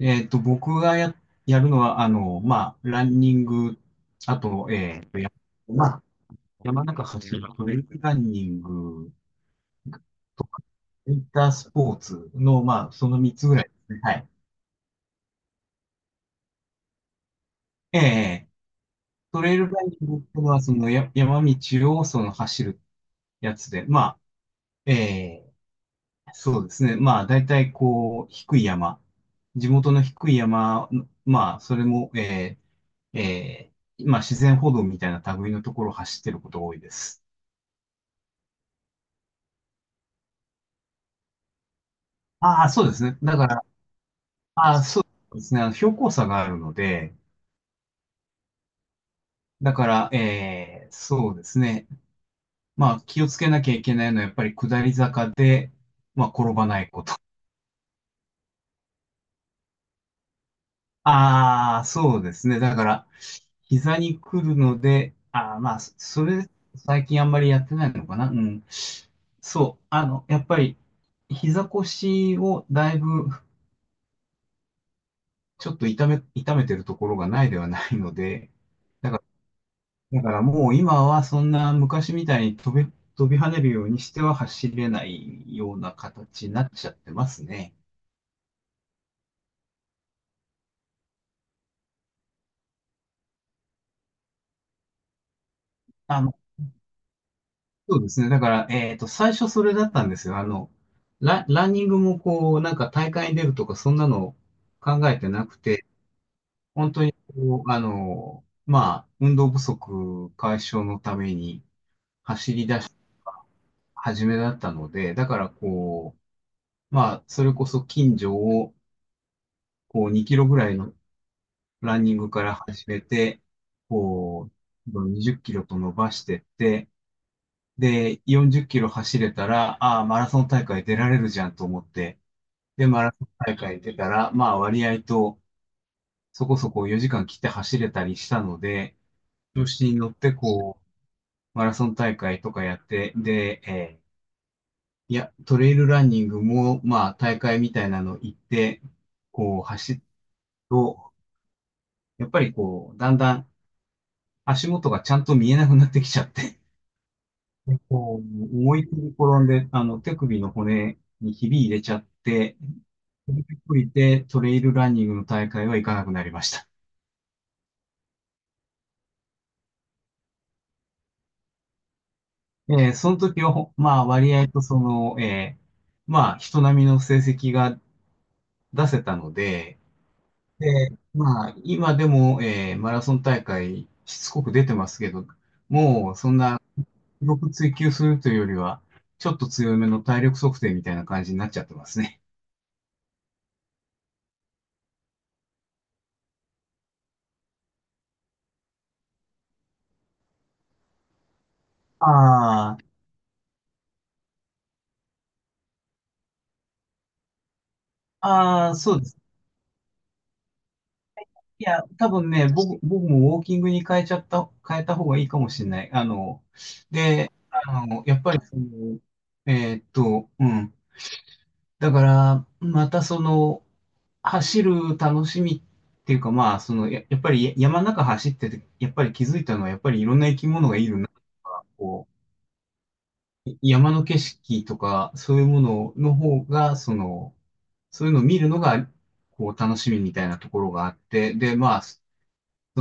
僕がやるのは、ランニング、あと、えっと、や、まあ、山中走るトレイルランニングとか、ウィンタースポーツの、まあ、その3つぐらいですね。はい。ええトレイルランニングっていうのは、その山道をその走るやつで、ええそうですね。まあ、大体こう、低い山。地元の低い山、まあ、それも、ーえまあ、自然歩道みたいな類のところを走ってることが多いです。ああ、そうですね。だから、ああ、そうですね。あの標高差があるので、だから、そうですね。まあ、気をつけなきゃいけないのは、やっぱり下り坂で、まあ、転ばないこと。ああ、そうですね。だから、膝に来るので、ああ、まあ、そそれ、最近あんまりやってないのかな。うん。そう、あの、やっぱり、膝腰をだいぶ、ちょっと痛めてるところがないではないので、だから、だからもう今はそんな昔みたいに飛び跳ねるようにしては走れないような形になっちゃってますね。あ、そうですね。だから、最初それだったんですよ。あの、ランニングもこう、なんか大会に出るとか、そんなの考えてなくて、本当にこう、あの、まあ、運動不足解消のために走りだ、始めだったので、だからこう、まあ、それこそ近所を、こう、2キロぐらいのランニングから始めて、こう、20キロと伸ばしてって、で、40キロ走れたら、ああ、マラソン大会出られるじゃんと思って、で、マラソン大会出たら、まあ割合とそこそこ4時間切って走れたりしたので、調子に乗ってこう、マラソン大会とかやって、で、いや、トレイルランニングも、まあ大会みたいなの行って、こう走ると、やっぱりこう、だんだん足元がちゃんと見えなくなってきちゃって、でこう、思いっきり転んで、あの、手首の骨にひび入れちゃって、それで降りてトレイルランニングの大会は行かなくなりました。その時は、まあ、割合とその、まあ、人並みの成績が出せたので、で、まあ、今でも、マラソン大会、しつこく出てますけど、もう、そんな、記録追求するというよりは、ちょっと強めの体力測定みたいな感じになっちゃってますね。ああ、ああ、そうです。いや、多分ね、僕もウォーキングに変えた方がいいかもしれない。あの、あの、やっぱりその、うん。だから、またその、走る楽しみっていうか、まあ、その、やっぱり山の中走ってて、やっぱり気づいたのは、やっぱりいろんな生き物がいるなとか、こう、山の景色とか、そういうものの方が、その、そういうのを見るのが、こう、楽しみみたいなところがあって、で、まあ、そ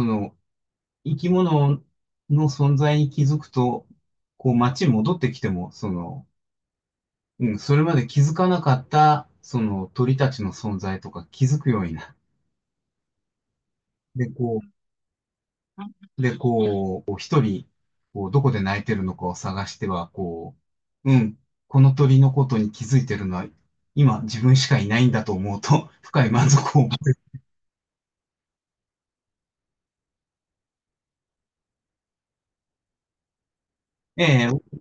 の、生き物の存在に気づくと、こう、街に戻ってきても、その、うん、それまで気づかなかった、その鳥たちの存在とか気づくようになる。で、こう、で、こう、こう一人、こう、どこで泣いてるのかを探しては、こう、うん、この鳥のことに気づいてるのは、今自分しかいないんだと思うと、深い満足を覚えええ、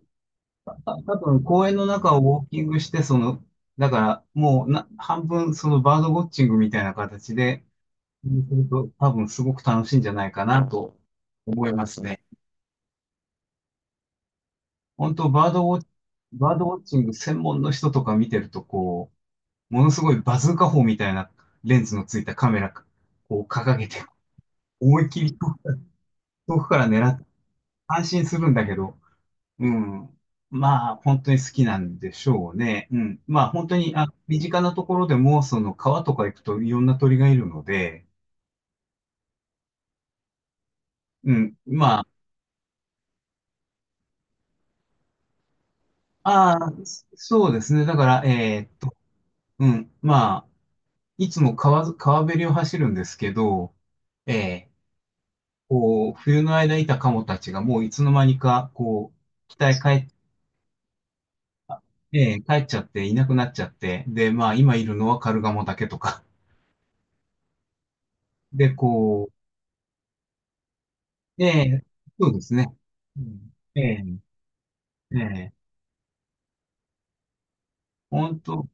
多分公園の中をウォーキングして、その、だからもうな、半分そのバードウォッチングみたいな形で、うんすると多分すごく楽しいんじゃないかなと思いますね。本当バードウォッチ、バードウォッチング専門の人とか見てると、こう、ものすごいバズーカ砲みたいなレンズのついたカメラを掲げて、思いっきり遠くから狙って安心するんだけど、うん。まあ、本当に好きなんでしょうね。うん。まあ、本当に、あ、身近なところでも、その川とか行くといろんな鳥がいるので、うん。まあ、ああ、そうですね。だから、うん。まあ、いつも川ず、川べりを走るんですけど、えーこう、冬の間いたカモたちがもういつの間にか、こう、北へ帰っええ、帰っちゃっていなくなっちゃって、で、まあ今いるのはカルガモだけとか。で、こう、ええ、そうですね。うん、ええ、ええ、本当、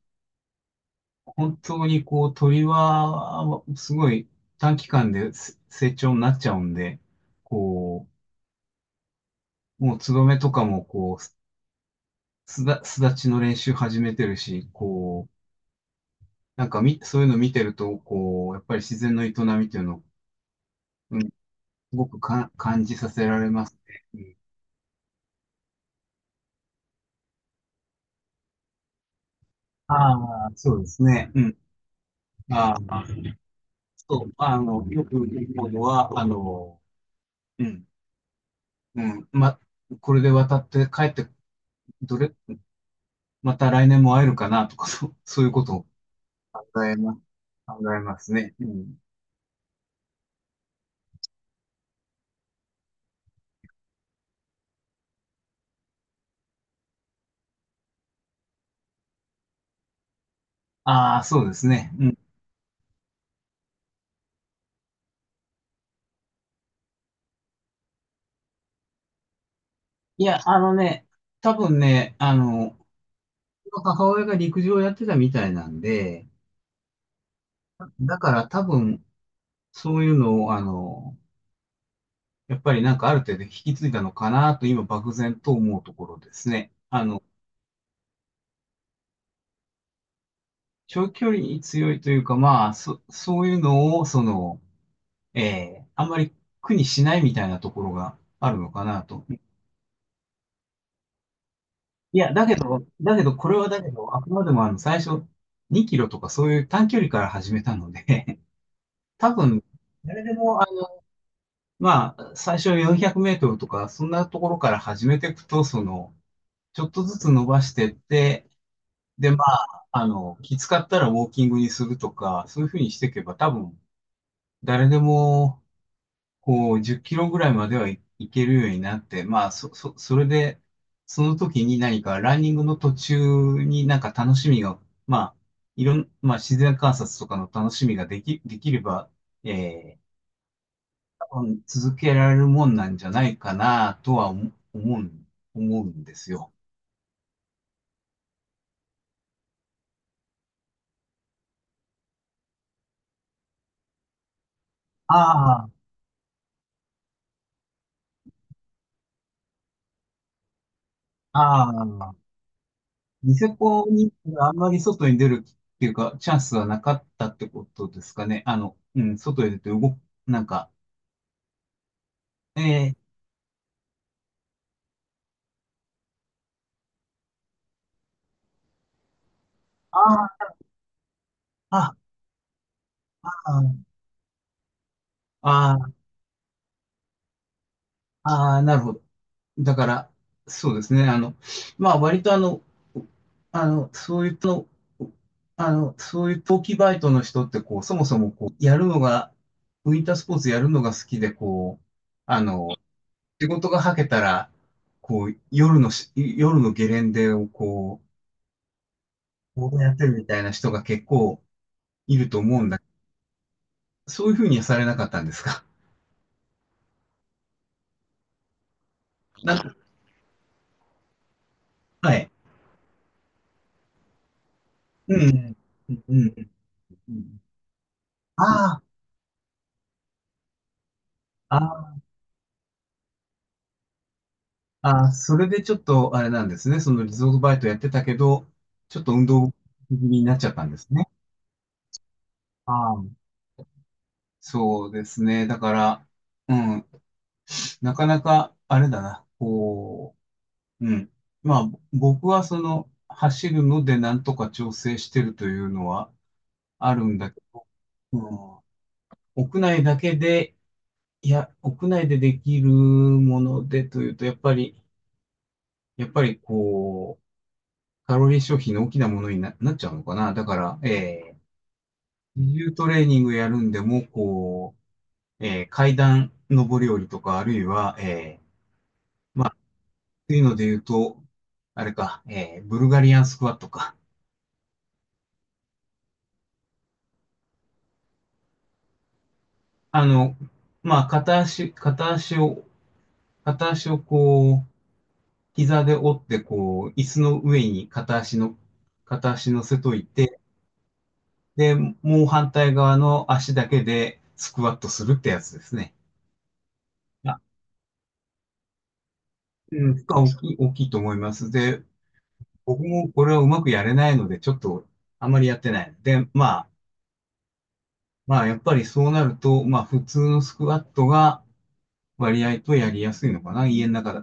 本当にこう鳥は、すごい短期間です成長になっちゃうんで、こう、もうツバメとかもこう、巣立ちの練習始めてるし、こう、なんかみ、そういうの見てると、こう、やっぱり自然の営みっていうのを、うん、すごく感じさせられますね。ああ、そうですね。うん。ああ、そう、あの、よく言うのは、あの、うん。うん、ま、これで渡って帰って、どれ、また来年も会えるかなとか、そう、そういうことを考えます、考えますね。うん。ああ、そうですね。うん。いや、あのね、多分ね、あの、母親が陸上をやってたみたいなんで、だから多分、そういうのを、あの、やっぱりなんかある程度引き継いだのかなと、今漠然と思うところですね。長距離に強いというか、まあ、そういうのを、その、あんまり苦にしないみたいなところがあるのかなと。いや、だけど、だけど、これはだけど、あくまでもあの、最初、2キロとかそういう短距離から始めたので。 多分、誰でも、あのまあ、最初400メートルとか、そんなところから始めていくと、その、ちょっとずつ伸ばしてって、で、まあ、あの、きつかったらウォーキングにするとか、そういうふうにしていけば、多分、誰でも、こう、10キロぐらいまではいいけるようになって、まあ、それで、その時に何かランニングの途中になんか楽しみが、まあ、いろん、まあ、自然観察とかの楽しみができれば、えー多分続けられるもんなんじゃないかなとは思うんですよ。ああ、ああ、ニセコにあんまり外に出るっていうか、チャンスはなかったってことですかね。あの、うん、外へ出て動く、なんか、えあああ、ああ、ああなるほど。だから、そうですね。あの、まあ、割とあの、あの、そういうと、あの、そういう冬季バイトの人って、こう、そもそも、こう、やるのが、ウィンタースポーツやるのが好きで、こう、あの、仕事がはけたら、こう、夜のゲレンデを、こう、ボやってるみたいな人が結構いると思うんだけど、そういうふうにはされなかったんですか？なんか、はい。うん。うん。うん。うん。ああー、ああ、それでちょっとあれなんですね。そのリゾートバイトやってたけど、ちょっと運動気味になっちゃったんですね。ああ、そうですね。だから、うん、なかなかあれだな。こう、うん。まあ、僕はその走るのでなんとか調整してるというのはあるんだけど、うん、屋内だけで、いや、屋内でできるものでというと、やっぱり、やっぱりこう、カロリー消費の大きなものになっちゃうのかな。だから、えー、自重トレーニングやるんでも、こう、えー、階段上り下りとか、あるいは、えー、というので言うと、あれか、えー、ブルガリアンスクワットか。あの、まあ、片足をこう、膝で折って、こう、椅子の上に片足の、片足乗せといて、で、もう反対側の足だけでスクワットするってやつですね。うん、負荷大きい、大きいと思います。で、僕もこれはうまくやれないので、ちょっとあまりやってない。で、まあ、まあ、やっぱりそうなると、まあ、普通のスクワットが割合とやりやすいのかな、家の中だ